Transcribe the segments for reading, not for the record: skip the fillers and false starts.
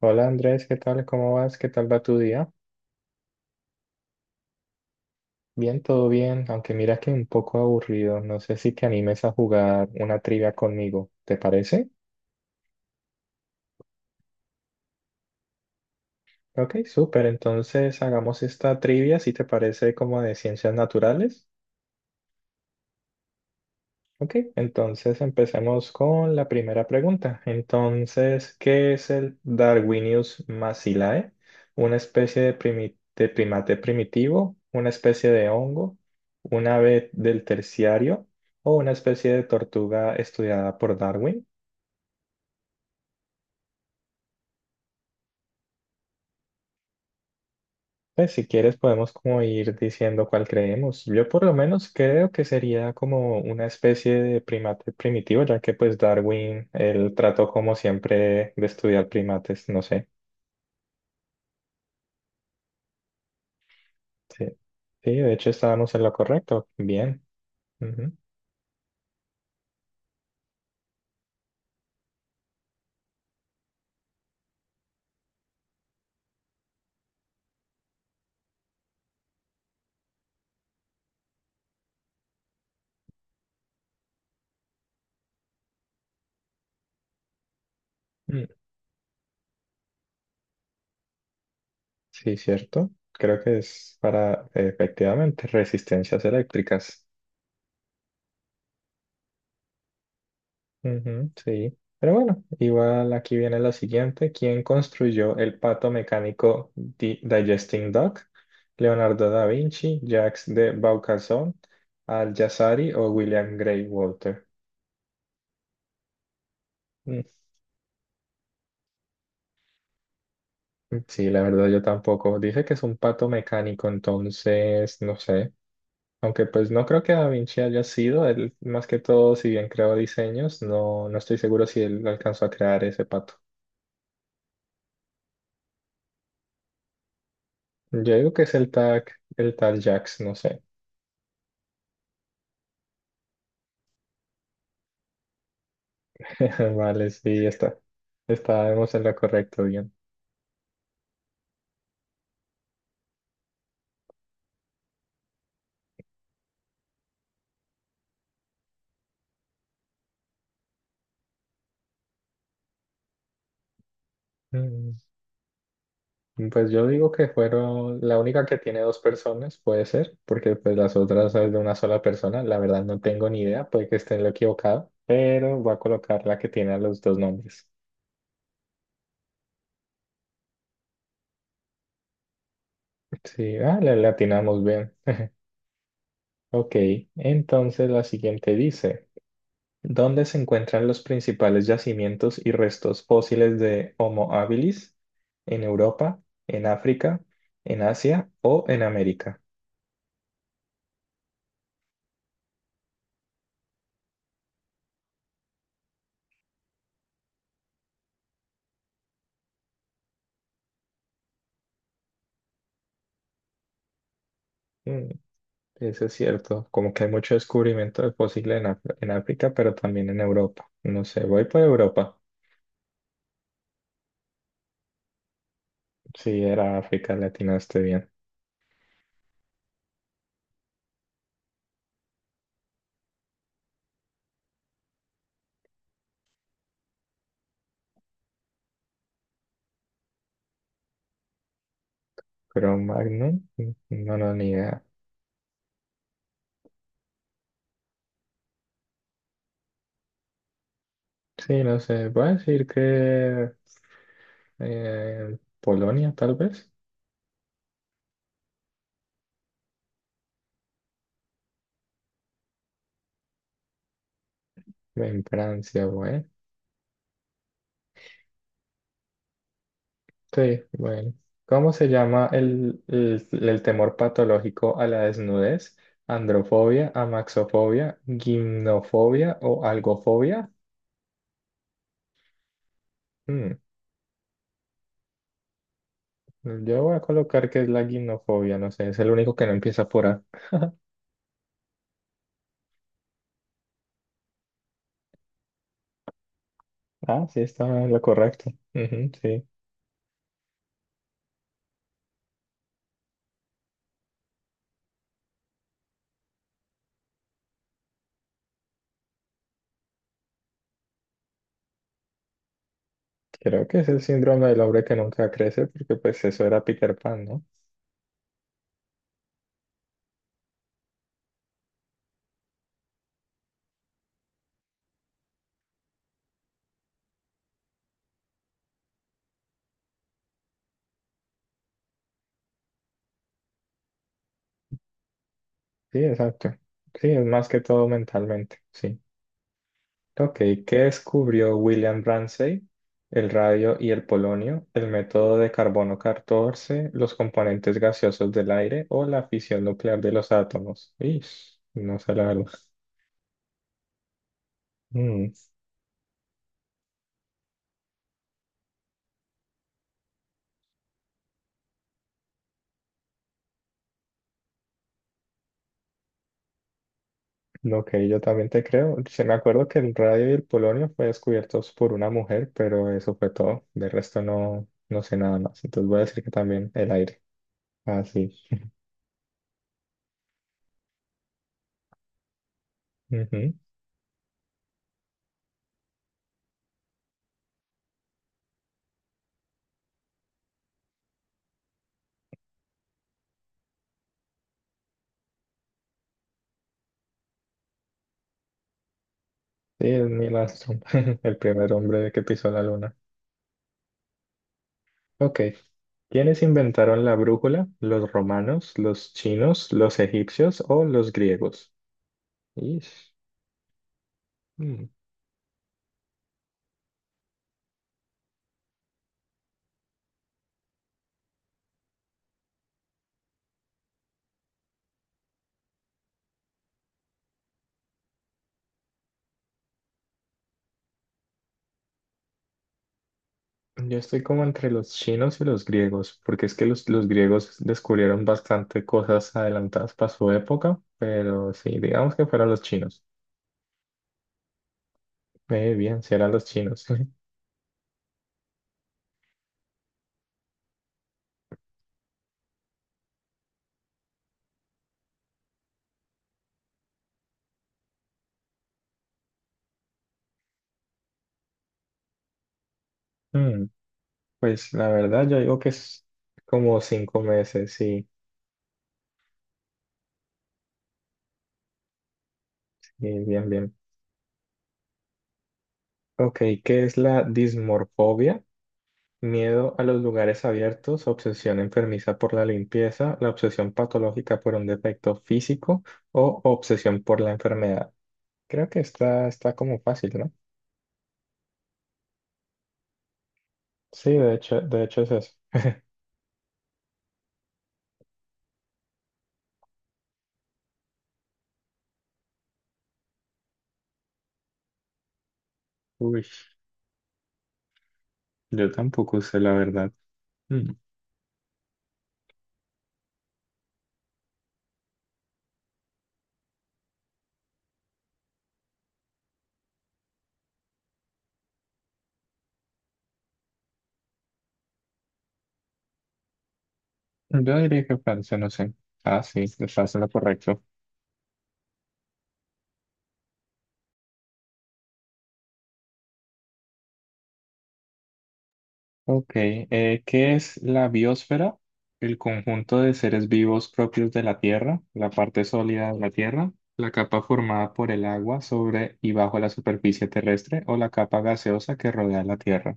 Hola Andrés, ¿qué tal? ¿Cómo vas? ¿Qué tal va tu día? Bien, todo bien, aunque mira que un poco aburrido. No sé si te animes a jugar una trivia conmigo, ¿te parece? Ok, súper. Entonces hagamos esta trivia, si te parece, como de ciencias naturales. Ok, entonces empecemos con la primera pregunta. Entonces, ¿qué es el Darwinius macilae? ¿Una especie de, de primate primitivo? ¿Una especie de hongo? ¿Un ave del terciario? ¿O una especie de tortuga estudiada por Darwin? Pues si quieres podemos como ir diciendo cuál creemos. Yo por lo menos creo que sería como una especie de primate primitivo, ya que pues Darwin, él trató como siempre de estudiar primates, no sé. Sí, sí, de hecho estábamos en lo correcto. Bien. Ujú. Mm, Sí, cierto. Creo que es para, efectivamente, resistencias eléctricas. Ujú, sí. Pero bueno, igual aquí viene la siguiente. ¿Quién construyó el pato mecánico Digesting Duck? ¿Leonardo da Vinci, Jacques de Vaucanson, Al-Jazari o William Grey Walter? Mm, Sí, la verdad yo tampoco. Dice que es un pato mecánico, entonces no sé. Aunque pues no creo que Da Vinci haya sido, él más que todo, si bien creó diseños, no, no estoy seguro si él alcanzó a crear ese pato. Yo digo que es el tag, el tal Jax, no sé. Vale, sí, está. Estábamos en lo correcto, bien. Mm. Pues yo digo que fueron, la única que tiene dos personas, puede ser, porque pues las otras es de una sola persona, la verdad no tengo ni idea, puede que esté en lo equivocado, pero voy a colocar la que tiene a los dos nombres. Sí, ah, le atinamos bien. Ok, entonces la siguiente dice, ¿dónde se encuentran los principales yacimientos y restos fósiles de Homo habilis? ¿En Europa, en África, en Asia o en América? Mm, eso es cierto, como que hay mucho descubrimiento de fósiles en, en África, pero también en Europa. No sé, voy por Europa. Sí, era África, le atinaste bien. Pero Magnum, mm, no, no, ni idea. Sí, no sé, voy a decir que Polonia, tal vez. En Francia, bueno. Sí, bueno. ¿Cómo se llama el temor patológico a la desnudez? ¿Androfobia, amaxofobia, gimnofobia o algofobia? Mm, Yo voy a colocar que es la gimnofobia, no sé, es el único que no empieza por A. Ah, sí, está lo correcto. Ujú, sí, creo que es el síndrome del hombre que nunca crece, porque pues eso era Peter Pan, ¿no? Sí, exacto. Sí, es más que todo mentalmente, sí. Ok, ¿qué descubrió William Ramsay? El radio y el polonio, el método de carbono 14, los componentes gaseosos del aire o la fisión nuclear de los átomos. Ish, no sé la verdad. Mm, ok, yo también te creo. Se me acuerdo que el radio y el polonio fue descubiertos por una mujer, pero eso fue todo. De resto no, no sé nada más. Entonces voy a decir que también el aire. Ah, sí. Ujú. Sí, es Neil Armstrong, el primer hombre que pisó la luna. Ok. ¿Quiénes inventaron la brújula? ¿Los romanos, los chinos, los egipcios o los griegos? Ish. Mm. Yo estoy como entre los chinos y los griegos, porque es que los griegos descubrieron bastante cosas adelantadas para su época, pero sí, digamos que fueron los chinos. Bien, si eran los chinos. Mm, Pues la verdad, yo digo que es como 5 meses, sí, sí, bien, bien. Ok, ¿qué es la dismorfobia? Miedo a los lugares abiertos, obsesión enfermiza por la limpieza, la obsesión patológica por un defecto físico o obsesión por la enfermedad. Creo que está, está como fácil, ¿no? Sí, de hecho es eso. Uy, yo tampoco sé la verdad. Mm, Yo diría que Francia, no sé. Ah, sí, estás en lo correcto. Ok, ¿qué es la biosfera? El conjunto de seres vivos propios de la Tierra, la parte sólida de la Tierra, la capa formada por el agua sobre y bajo la superficie terrestre o la capa gaseosa que rodea la Tierra.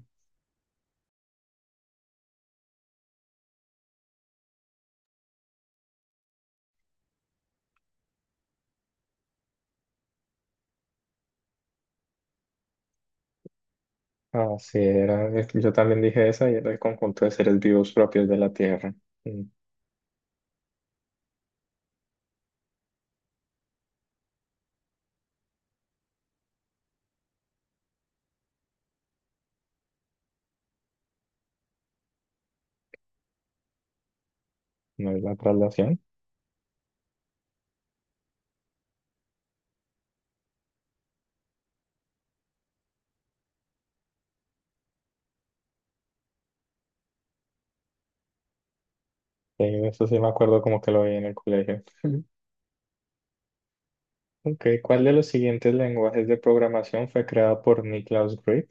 Ah, sí, era, yo también dije esa y era el conjunto de seres vivos propios de la Tierra. Mm, No es la traslación. Eso sí me acuerdo como que lo vi en el colegio. Ok, ¿cuál de los siguientes lenguajes de programación fue creado por Nicholas Grigg?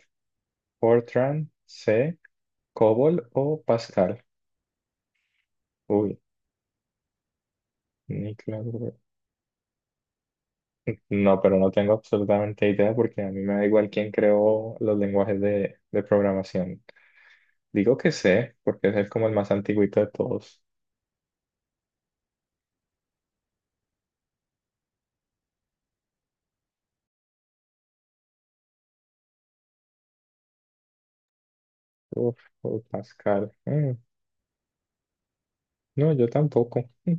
Fortran, C. ¿Cobol o Pascal? Uy, Nicolás. Bro- No, pero no tengo absolutamente idea porque a mí me da igual quién creó los lenguajes de programación. Digo que sé, porque como el más antiguito de todos. Uf, uy, Pascal. No, yo tampoco.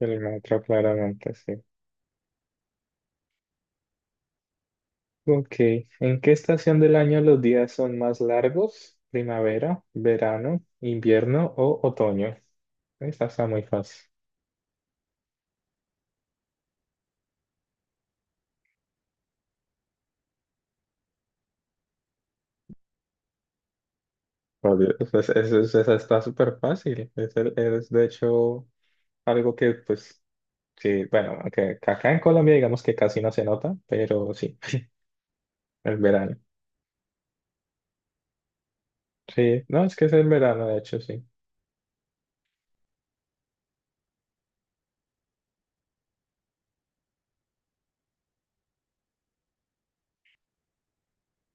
El maestro claramente sí. Ok, ¿en qué estación del año los días son más largos? ¿Primavera, verano, invierno o otoño? Esta está muy fácil. Oh, Dios, pues, eso, esa está súper fácil. Es, de hecho algo que, pues, sí, bueno, aunque acá en Colombia digamos que casi no se nota, pero sí, el verano. Sí, no, es que es el verano, de hecho, sí.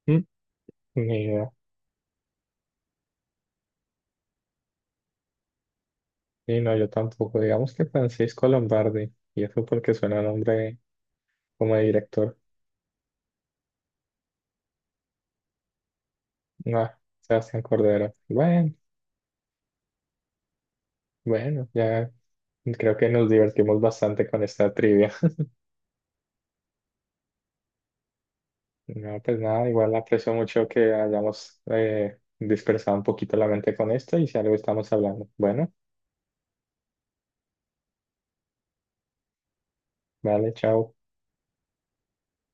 Mm, Ni idea. Sí, no, yo tampoco. Digamos que Francisco Lombardi, y eso porque suena nombre como de director. Ah, Sebastián Cordero. Bueno, bueno, ya creo que nos divertimos bastante con esta trivia. No, pues nada, igual aprecio mucho que hayamos dispersado un poquito la mente con esto y si algo estamos hablando. Bueno, vale, chao.